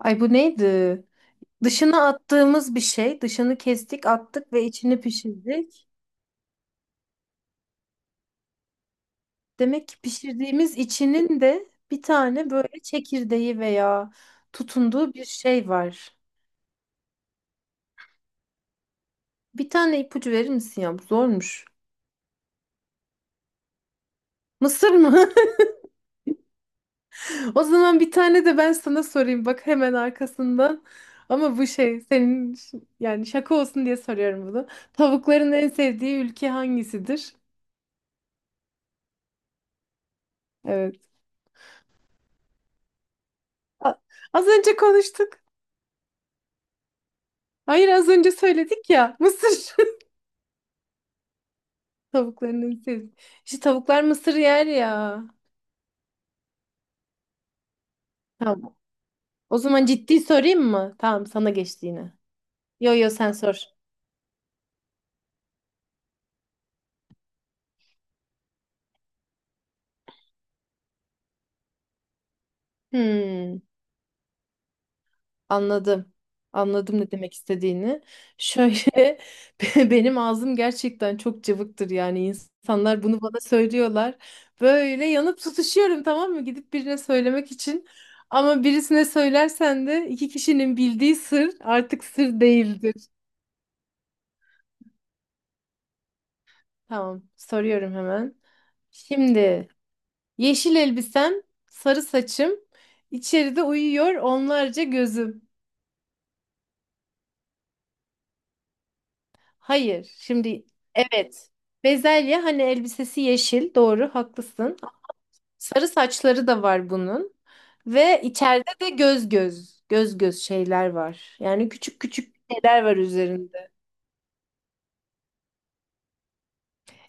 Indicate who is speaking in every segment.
Speaker 1: Ay bu neydi? Dışına attığımız bir şey. Dışını kestik, attık ve içini pişirdik. Demek ki pişirdiğimiz içinin de bir tane böyle çekirdeği veya tutunduğu bir şey var. Bir tane ipucu verir misin ya? Bu zormuş. Mısır mı? O zaman bir tane de ben sana sorayım. Bak hemen arkasından. Ama bu şey senin yani şaka olsun diye soruyorum bunu. Tavukların en sevdiği ülke hangisidir? Evet. A- Az önce konuştuk. Hayır az önce söyledik ya. Mısır. Tavuklarının sesi. İşte tavuklar mısır yer ya. Tamam. O zaman ciddi sorayım mı? Tamam sana geçti yine. Yo yo sen sor. Hmm, anladım. Anladım ne demek istediğini. Şöyle benim ağzım gerçekten çok cıvıktır, yani insanlar bunu bana söylüyorlar. Böyle yanıp tutuşuyorum, tamam mı? Gidip birine söylemek için. Ama birisine söylersen de iki kişinin bildiği sır artık sır değildir. Tamam, soruyorum hemen. Şimdi yeşil elbisem, sarı saçım, içeride uyuyor onlarca gözüm. Hayır, şimdi evet. Bezelye hani elbisesi yeşil, doğru, haklısın. Sarı saçları da var bunun ve içeride de göz göz, göz göz şeyler var. Yani küçük küçük şeyler var üzerinde.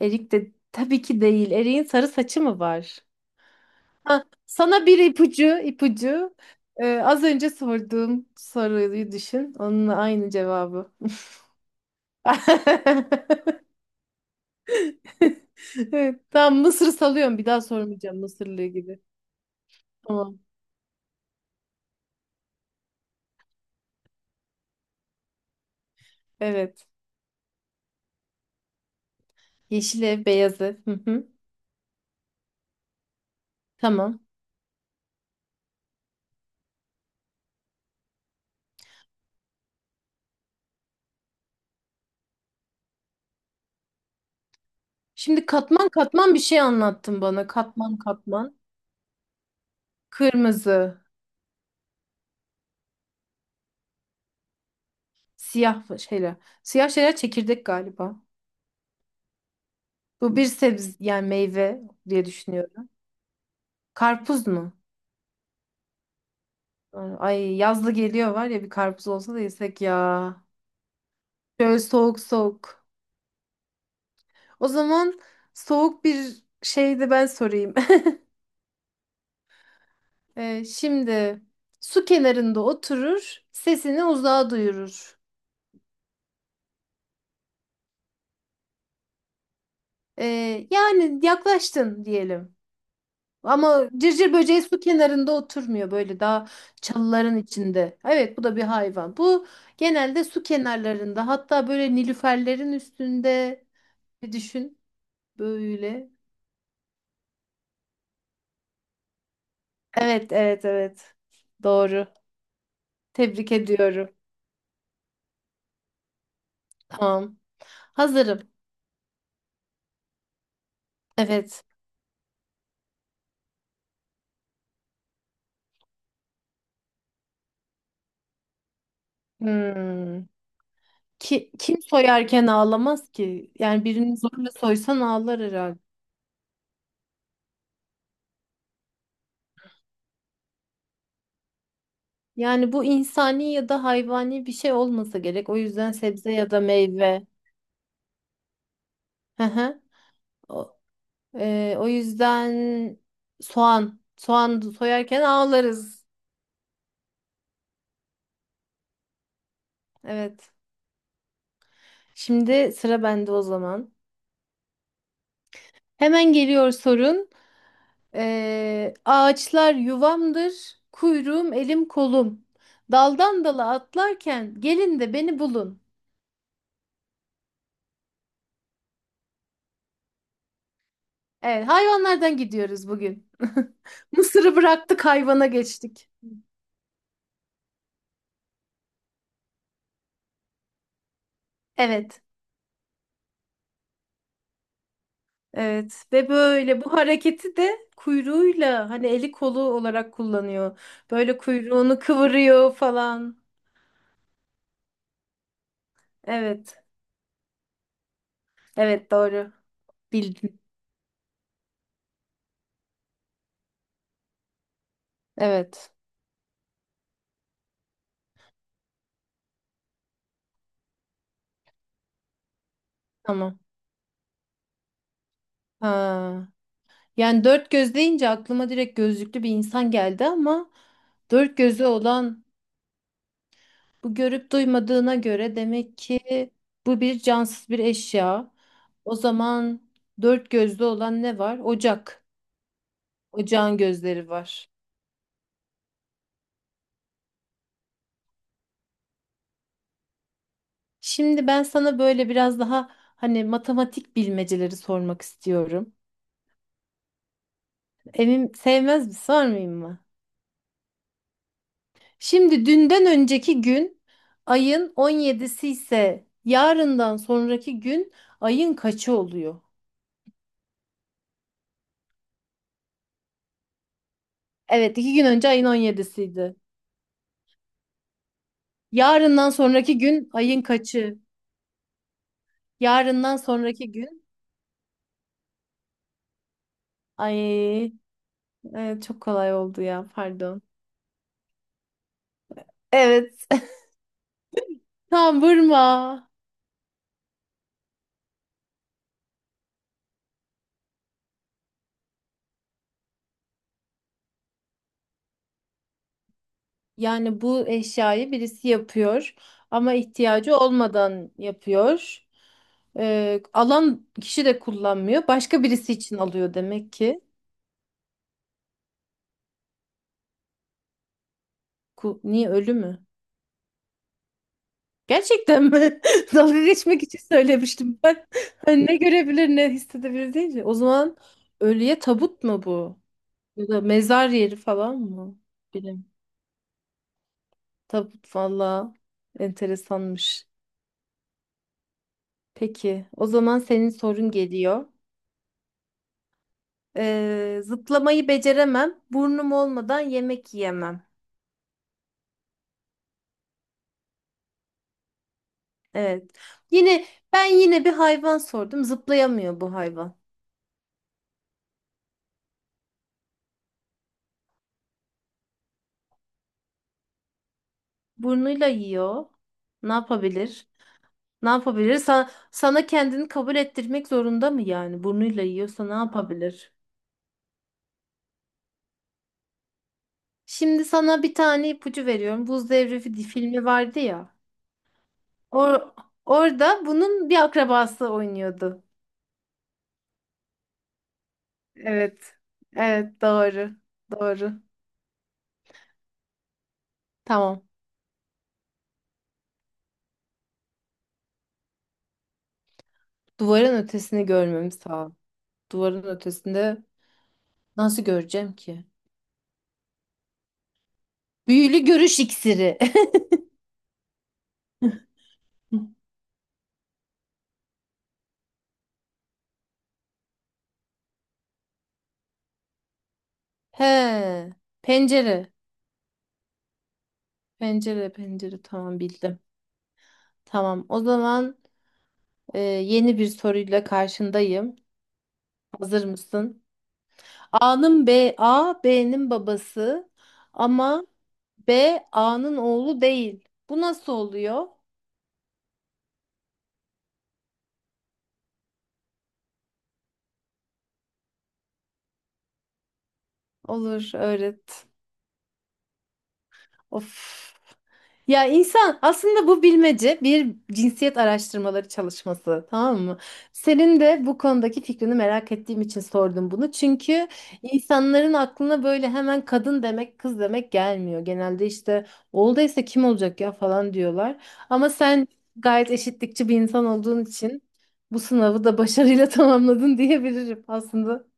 Speaker 1: Erik de tabii ki değil. Erik'in sarı saçı mı var? Ha, sana bir ipucu, ipucu. Az önce sorduğum soruyu düşün. Onunla aynı cevabı. Evet, tamam Mısır salıyorum. Bir daha sormayacağım Mısırlı gibi. Tamam. Evet. Yeşil ev, beyaz ev. Hı hı. Tamam. Şimdi katman katman bir şey anlattın bana. Katman katman. Kırmızı, siyah şeyler. Siyah şeyler çekirdek galiba. Bu bir sebze yani meyve diye düşünüyorum. Karpuz mu? Ay yazlı geliyor var ya, bir karpuz olsa da yesek ya. Şöyle soğuk soğuk. O zaman soğuk bir şey de ben sorayım. Şimdi su kenarında oturur, sesini uzağa duyurur. Yani yaklaştın diyelim. Ama cırcır böceği su kenarında oturmuyor, böyle daha çalıların içinde. Evet bu da bir hayvan. Bu genelde su kenarlarında, hatta böyle nilüferlerin üstünde bir düşün böyle. Evet, evet, evet. Doğru. Tebrik ediyorum. Tamam. Hazırım. Evet. Hmm. Kim soyarken ağlamaz ki? Yani birini zorla soysan ağlar herhalde. Yani bu insani ya da hayvani bir şey olmasa gerek. O yüzden sebze ya da meyve. Hı hı. O, o yüzden soğan. Soğan soyarken ağlarız. Evet. Şimdi sıra bende o zaman. Hemen geliyor sorun. Ağaçlar yuvamdır, kuyruğum elim kolum. Daldan dala atlarken gelin de beni bulun. Evet, hayvanlardan gidiyoruz bugün. Mısır'ı bıraktık, hayvana geçtik. Evet, evet ve böyle bu hareketi de kuyruğuyla hani eli kolu olarak kullanıyor. Böyle kuyruğunu kıvırıyor falan. Evet, evet doğru. Bildin. Evet, tamam. Ha. Yani dört göz deyince aklıma direkt gözlüklü bir insan geldi, ama dört gözü olan bu görüp duymadığına göre demek ki bu bir cansız bir eşya. O zaman dört gözlü olan ne var? Ocak. Ocağın gözleri var. Şimdi ben sana böyle biraz daha hani matematik bilmeceleri sormak istiyorum. Emin sevmez mi? Sormayayım mı? Şimdi dünden önceki gün ayın on yedisi ise yarından sonraki gün ayın kaçı oluyor? Evet, iki gün önce ayın 17'siydi. Yarından sonraki gün ayın kaçı? Yarından sonraki gün ay evet, çok kolay oldu ya, pardon. Evet. Tam vurma. Yani bu eşyayı birisi yapıyor ama ihtiyacı olmadan yapıyor. Alan kişi de kullanmıyor. Başka birisi için alıyor demek ki. Niye, ölü mü? Gerçekten mi? Dalga geçmek için söylemiştim ben. Hani ne görebilir ne hissedebilir deyince. O zaman ölüye tabut mu bu? Ya da mezar yeri falan mı? Bilmiyorum. Tabut valla enteresanmış. Peki o zaman senin sorun geliyor. Zıplamayı beceremem. Burnum olmadan yemek yiyemem. Evet. Yine ben yine bir hayvan sordum. Zıplayamıyor bu hayvan. Burnuyla yiyor. Ne yapabilir? Ne yapabilir? Sana kendini kabul ettirmek zorunda mı yani? Burnuyla yiyorsa ne yapabilir? Şimdi sana bir tane ipucu veriyorum. Buz Devri filmi vardı ya. Or orada bunun bir akrabası oynuyordu. Evet. Evet doğru. Doğru. Tamam. Duvarın ötesini görmemiz lazım. Duvarın ötesinde nasıl göreceğim ki? Büyülü görüş iksiri. He. Pencere. Pencere, pencere. Tamam bildim. Tamam. O zaman yeni bir soruyla karşındayım. Hazır mısın? A B'nin babası ama B A'nın oğlu değil. Bu nasıl oluyor? Olur, öğret. Of. Ya insan, aslında bu bilmece bir cinsiyet araştırmaları çalışması, tamam mı? Senin de bu konudaki fikrini merak ettiğim için sordum bunu. Çünkü insanların aklına böyle hemen kadın demek, kız demek gelmiyor. Genelde işte olduysa kim olacak ya falan diyorlar. Ama sen gayet eşitlikçi bir insan olduğun için bu sınavı da başarıyla tamamladın diyebilirim aslında.